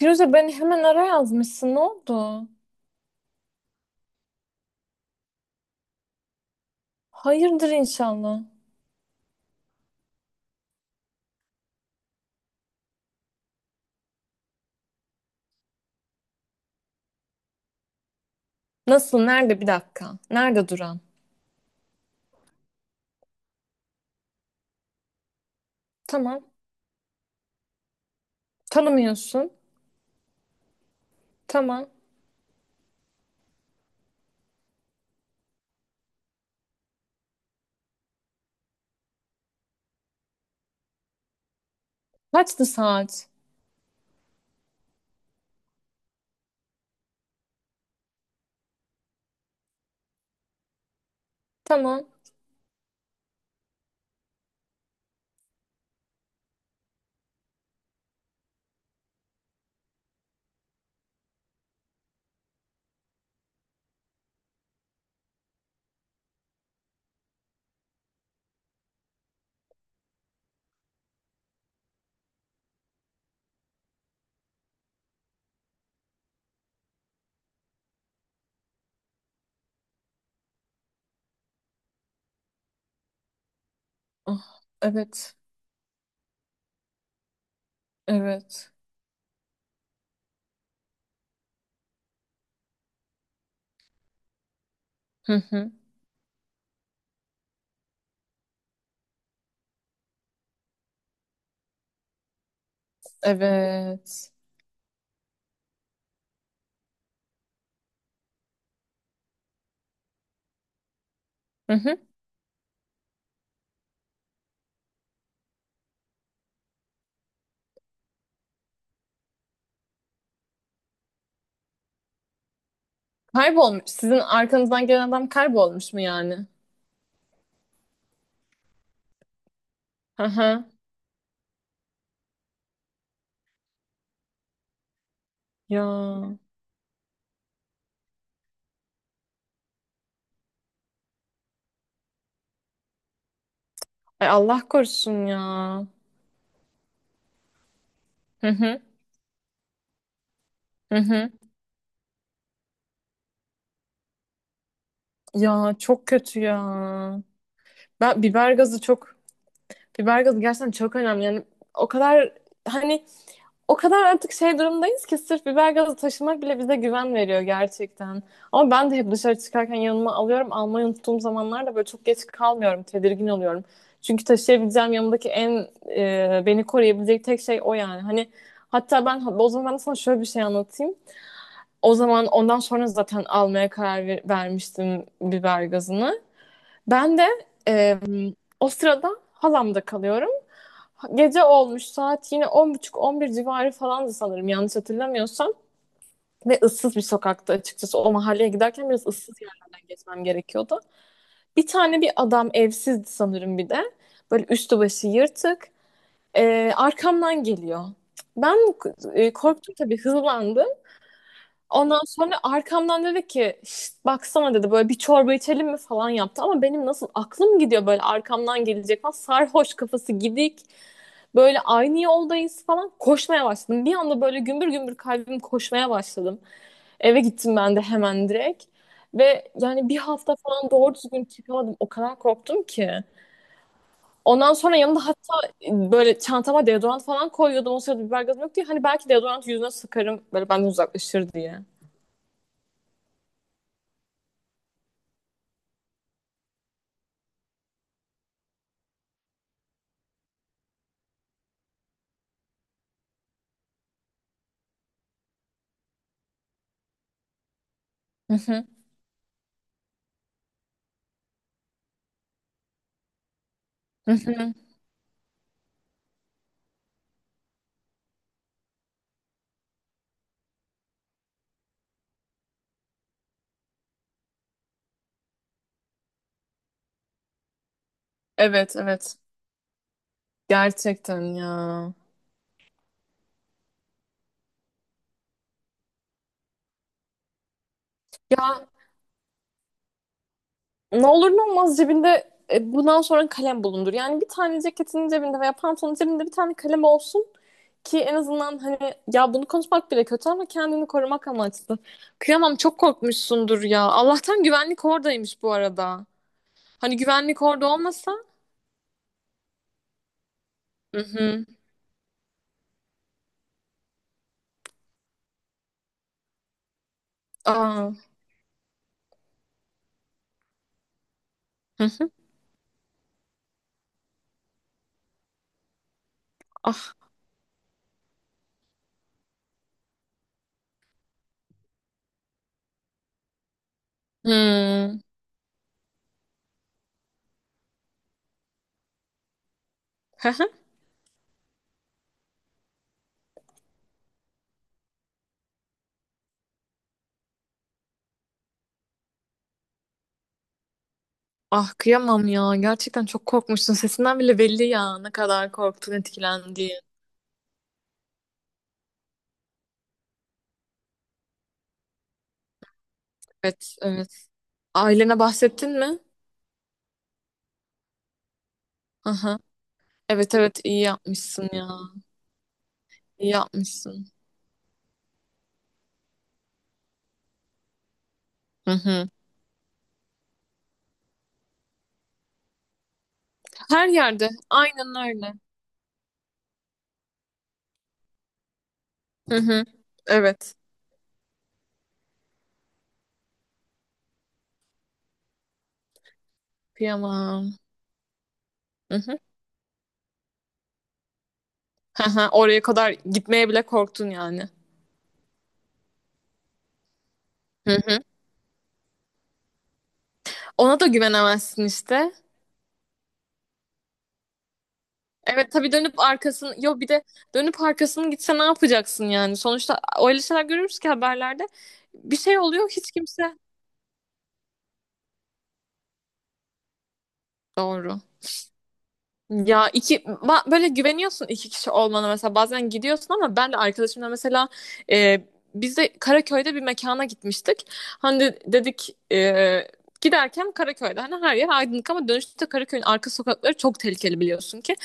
Firuze beni hemen ara yazmışsın. Ne oldu? Hayırdır inşallah. Nasıl? Nerede? Bir dakika. Nerede duran? Tamam. Tanımıyorsun. Tamam. Kaçtı saat? Tamam. Ah, evet. Evet. Hı hı. Evet. Hı hı. Kaybolmuş. Sizin arkanızdan gelen adam kaybolmuş mu yani? Hı hı. Ya. Ay Allah korusun ya. Hı hı. Hı hı. Ya çok kötü ya. Ben biber gazı çok. Biber gazı gerçekten çok önemli. Yani o kadar, hani, o kadar artık şey durumdayız ki sırf biber gazı taşımak bile bize güven veriyor gerçekten. Ama ben de hep dışarı çıkarken yanıma alıyorum. Almayı unuttuğum zamanlarda böyle çok geç kalmıyorum. Tedirgin oluyorum. Çünkü taşıyabileceğim yanımdaki en beni koruyabilecek tek şey o yani. Hani hatta ben o zaman ben sana şöyle bir şey anlatayım. O zaman ondan sonra zaten almaya vermiştim biber gazını. Ben de e, o sırada halamda kalıyorum. Gece olmuş, saat yine on buçuk on bir civarı falandı sanırım, yanlış hatırlamıyorsam. Ve ıssız bir sokakta, açıkçası o mahalleye giderken biraz ıssız yerlerden geçmem gerekiyordu. Bir tane bir adam evsizdi sanırım bir de. Böyle üstü başı yırtık. Arkamdan geliyor. Ben korktum tabii, hızlandım. Ondan sonra arkamdan dedi ki "Şşt, baksana" dedi, böyle "bir çorba içelim mi" falan yaptı. Ama benim nasıl aklım gidiyor, böyle arkamdan gelecek falan, sarhoş kafası gidik. Böyle aynı yoldayız falan, koşmaya başladım. Bir anda böyle gümbür gümbür kalbim, koşmaya başladım. Eve gittim ben de hemen direkt. Ve yani bir hafta falan doğru düzgün çıkamadım. O kadar korktum ki. Ondan sonra yanımda hatta böyle çantama deodorant falan koyuyordum. O sırada biber gazım yoktu ya. Hani belki deodorant yüzüne sıkarım, böyle benden uzaklaşır diye. Hı hı. Hı hı. Evet, evet. Gerçekten ya. Ya, ne olur ne olmaz cebinde bundan sonra kalem bulundur. Yani bir tane ceketinin cebinde veya pantolonun cebinde bir tane kalem olsun ki en azından, hani, ya bunu konuşmak bile kötü ama kendini korumak amaçlı. Kıyamam, çok korkmuşsundur ya. Allah'tan güvenlik oradaymış bu arada. Hani güvenlik orada olmasa? Hı hı. Aa. Hı hı. Ah. Hı. Hı hı. Ah kıyamam ya. Gerçekten çok korkmuşsun. Sesinden bile belli ya ne kadar korktun, etkilendiğin. Evet, evet. Ailene bahsettin mi? Aha. Evet, evet, iyi yapmışsın ya. İyi yapmışsın. Hı hı. Her yerde. Aynen öyle. Hı hı. Evet. Kıyamam. Hı hı. Hı hı. Oraya kadar gitmeye bile korktun yani. Hı hı. Ona da güvenemezsin işte. Evet tabii, dönüp arkasını, yo bir de dönüp arkasını gitse ne yapacaksın yani? Sonuçta öyle şeyler görürüz ki haberlerde. Bir şey oluyor, hiç kimse. Doğru. Ya böyle güveniyorsun iki kişi olmana, mesela bazen gidiyorsun, ama ben de arkadaşımla mesela e, biz de Karaköy'de bir mekana gitmiştik. Dedik giderken Karaköy'de hani her yer aydınlık, ama dönüşte Karaköy'ün arka sokakları çok tehlikeli biliyorsun ki.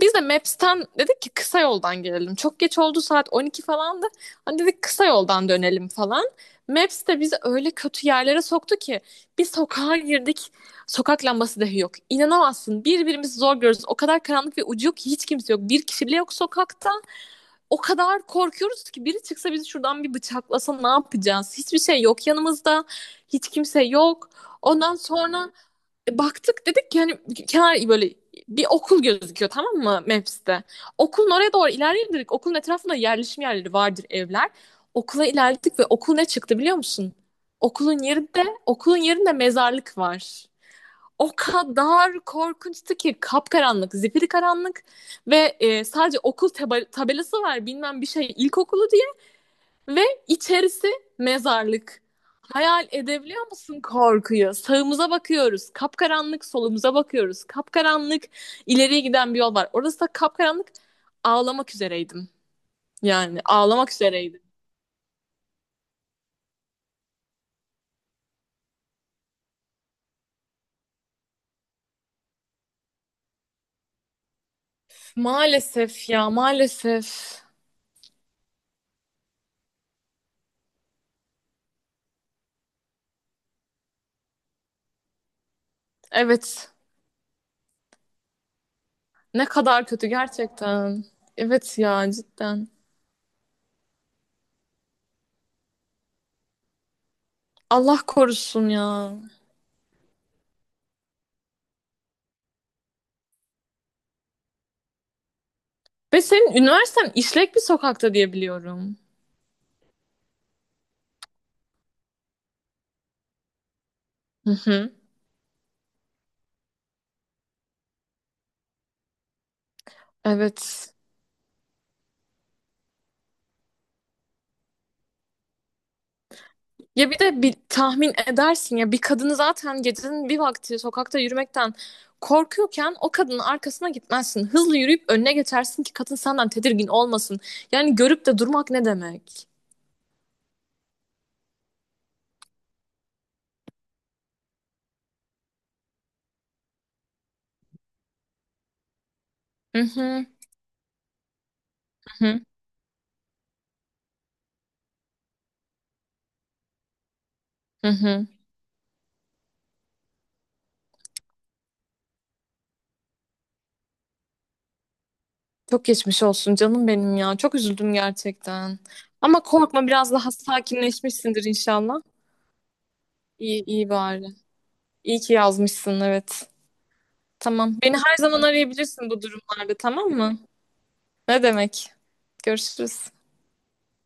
Biz de Maps'ten dedik ki kısa yoldan gelelim. Çok geç oldu, saat 12 falandı. Hani dedik kısa yoldan dönelim falan. Maps de bizi öyle kötü yerlere soktu ki bir sokağa girdik. Sokak lambası dahi yok. İnanamazsın. Birbirimizi zor görürüz. O kadar karanlık ve ucu yok ki, hiç kimse yok. Bir kişi bile yok sokakta. O kadar korkuyoruz ki biri çıksa bizi şuradan bir bıçaklasa ne yapacağız? Hiçbir şey yok yanımızda. Hiç kimse yok. Ondan sonra baktık dedik ki hani kenar böyle bir okul gözüküyor, tamam mı, Maps'te. Okulun oraya doğru ilerleyelim dedik. Okulun etrafında yerleşim yerleri vardır, evler. Okula ilerledik ve okul ne çıktı biliyor musun? Okulun yerinde, okulun yerinde mezarlık var. O kadar korkunçtu ki, kapkaranlık, zifiri karanlık ve sadece tabelası var, bilmem bir şey ilkokulu, ve içerisi mezarlık. Hayal edebiliyor musun korkuyu? Sağımıza bakıyoruz, kapkaranlık, solumuza bakıyoruz, kapkaranlık, ileriye giden bir yol var. Orası da kapkaranlık, ağlamak üzereydim. Yani ağlamak üzereydim. Maalesef ya, maalesef. Evet, ne kadar kötü gerçekten. Evet ya, cidden. Allah korusun ya. Ve senin üniversiten işlek bir sokakta diye biliyorum. Hı hı. Evet. Ya bir de bir tahmin edersin ya, bir kadını zaten gecenin bir vakti sokakta yürümekten korkuyorken o kadının arkasına gitmezsin. Hızlı yürüyüp önüne geçersin ki kadın senden tedirgin olmasın. Yani görüp de durmak ne demek? Hı hı, hı hı, hı. Çok geçmiş olsun canım benim ya. Çok üzüldüm gerçekten. Ama korkma, biraz daha sakinleşmişsindir inşallah. İyi, iyi bari. İyi ki yazmışsın, evet. Tamam. Beni her zaman arayabilirsin bu durumlarda, tamam mı? Ne demek? Görüşürüz.